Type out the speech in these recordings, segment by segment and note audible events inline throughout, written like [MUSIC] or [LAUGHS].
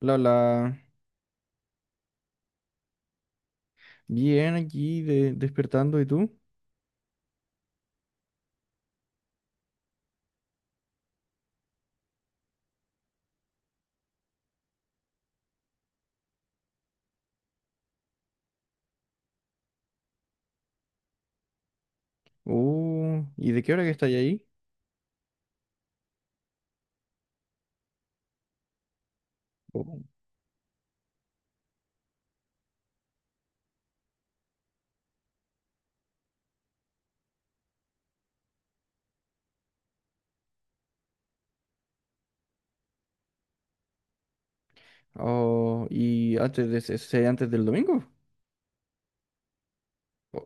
La, la, bien aquí despertando, ¿y tú? ¿Y de qué hora que estáis ahí? Oh. Oh, ¿y antes de antes del domingo? Oh,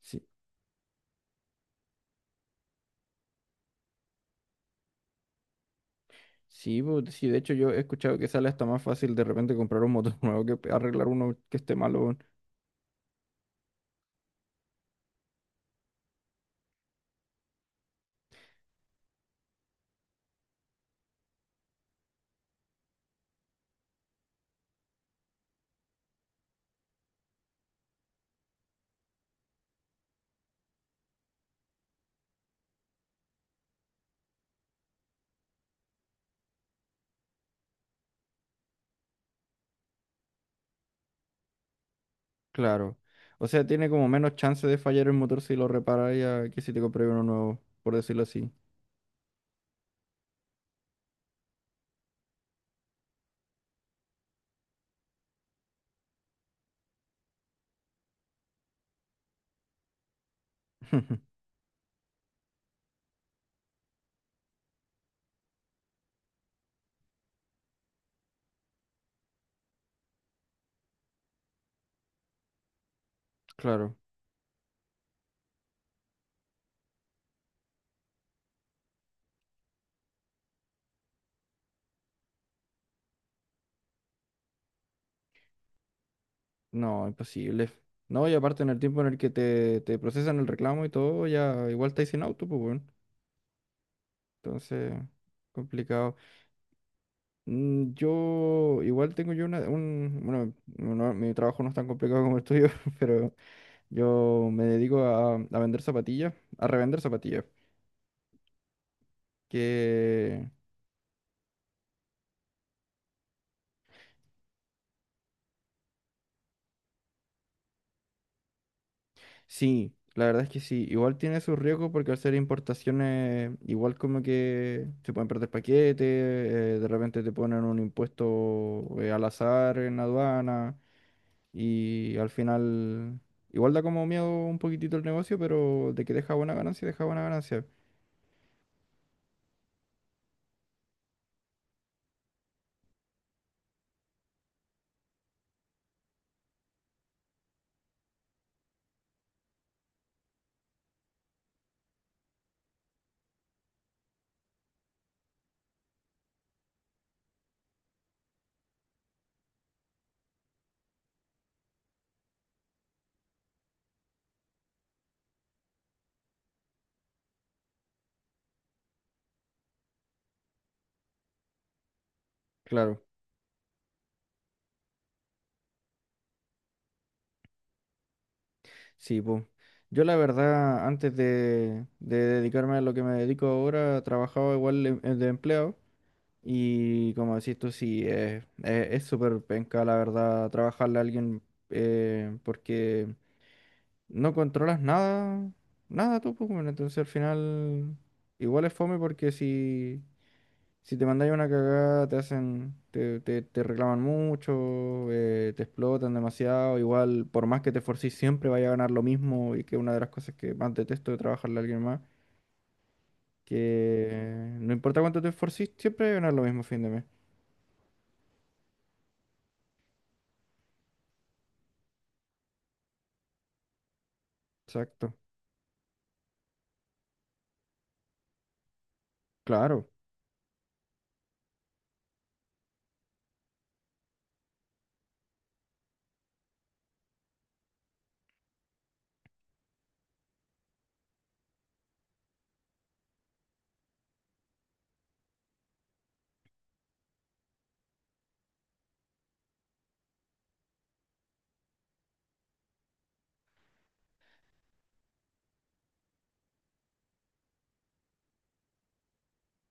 sí. Sí, de hecho yo he escuchado que sale hasta más fácil de repente comprar un motor [LAUGHS] nuevo que arreglar uno que esté malo, weón. Claro. O sea, tiene como menos chance de fallar el motor si lo reparas ya que si te compras uno nuevo, por decirlo así. [LAUGHS] Claro. No, imposible. No, y aparte en el tiempo en el que te procesan el reclamo y todo, ya igual estáis sin auto, pues bueno. Entonces, complicado. Yo igual tengo yo una, un, bueno, no- no, mi trabajo no es tan complicado como el tuyo, [LAUGHS] pero yo me dedico a vender zapatillas, a revender zapatillas, que... Sí, la verdad es que sí. Igual tiene sus riesgos porque al ser importaciones, igual como que se pueden perder paquetes, de repente te ponen un impuesto, al azar en aduana y al final igual da como miedo un poquitito el negocio, pero de que deja buena ganancia, deja buena ganancia. Claro, sí, pues. Yo la verdad, antes de dedicarme a lo que me dedico ahora, trabajaba igual de empleado. Y como decís tú, sí, eh, es súper penca, la verdad, trabajarle a alguien, porque no controlas nada, nada tú, pues, bueno, entonces al final igual es fome porque si te mandáis una cagada te hacen, te reclaman mucho, te explotan demasiado, igual por más que te esforcís siempre vaya a ganar lo mismo y que una de las cosas que más detesto de trabajarle a alguien más, que no importa cuánto te esforcís, siempre vas a ganar lo mismo a fin de mes. Exacto, claro.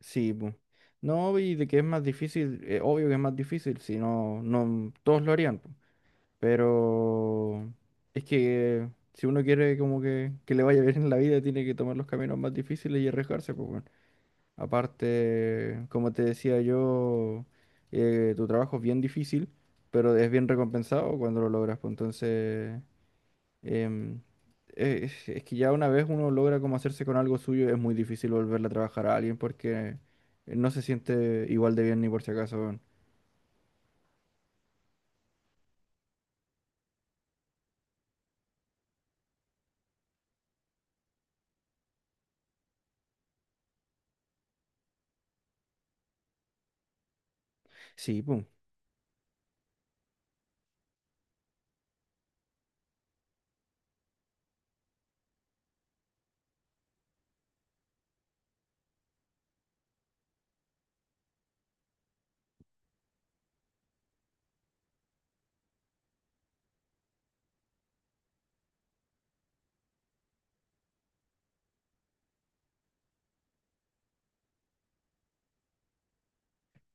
Sí, pues. No, y de que es más difícil, obvio que es más difícil, si no, no todos lo harían, po. Pero es que si uno quiere como que le vaya [LAUGHS] bien en la vida, tiene que tomar los caminos más difíciles y arriesgarse, pues bueno. Aparte, como te decía yo, tu trabajo es bien difícil, pero es bien recompensado cuando lo logras, pues entonces... Em, es que ya una vez uno logra como hacerse con algo suyo, es muy difícil volverle a trabajar a alguien porque, no se siente igual de bien ni por si acaso, weón. Sí, pues,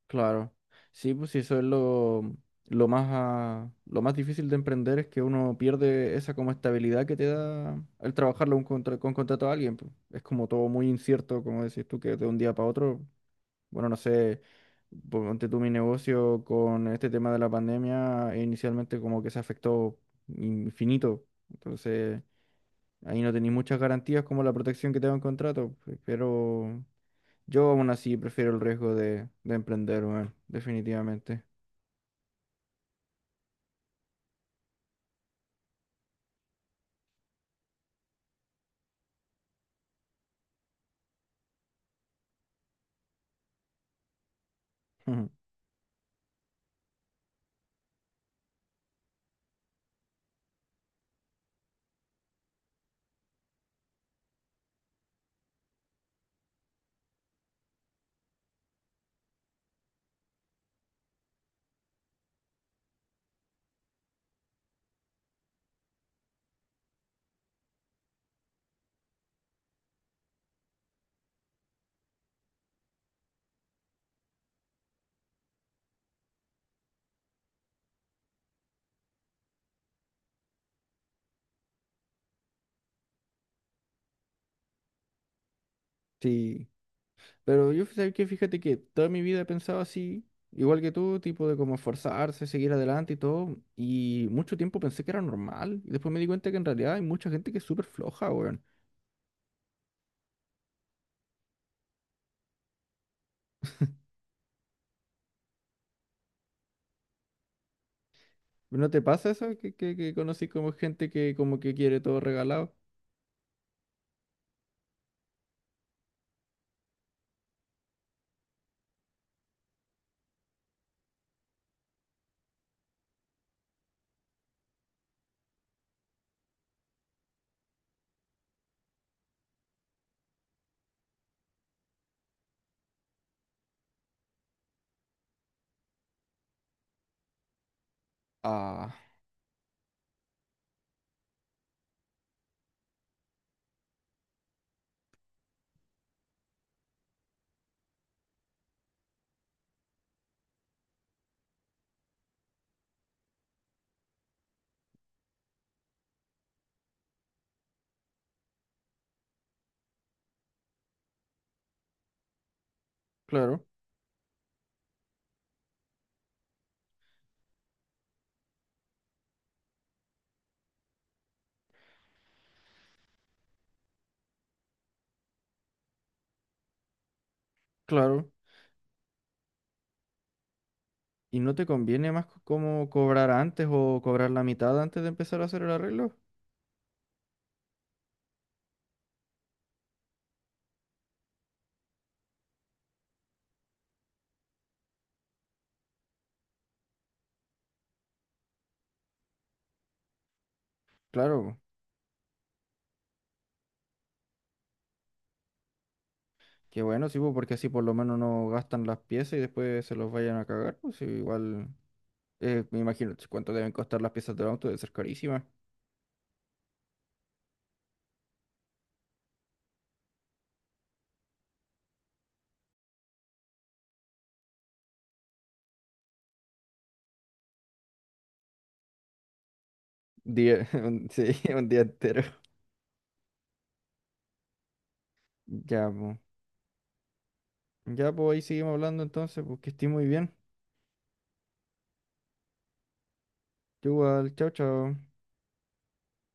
claro. Sí, pues sí, eso es lo más, ah, lo más difícil de emprender es que uno pierde esa como estabilidad que te da el trabajarlo un con contrato a alguien, pues. Es como todo muy incierto, como decís tú, que de un día para otro. Bueno, no sé, ponte tú mi negocio con este tema de la pandemia, e inicialmente como que se afectó infinito. Entonces, ahí no tenéis muchas garantías como la protección que te da un contrato, pero yo aún así prefiero el riesgo de emprender, weón, definitivamente. [LAUGHS] Ujú. Sí, pero yo sé que fíjate que toda mi vida he pensado así, igual que tú, tipo de como esforzarse, seguir adelante y todo, y mucho tiempo pensé que era normal, y después me di cuenta que en realidad hay mucha gente que es súper floja, weón. ¿No te pasa eso? Que conocí como gente que como que quiere todo regalado. Ah, claro, claro. ¿Y no te conviene más como cobrar antes o cobrar la mitad antes de empezar a hacer el arreglo? Claro, qué bueno, sí, pues, porque así por lo menos no gastan las piezas y después se los vayan a cagar. Pues sí, igual, me imagino cuánto deben costar las piezas del auto, debe ser carísima. Día, [LAUGHS] sí, [LAUGHS] un día entero. Ya, pues. Ya, pues ahí seguimos hablando entonces, pues que estés muy bien. Tú igual, chao, chao.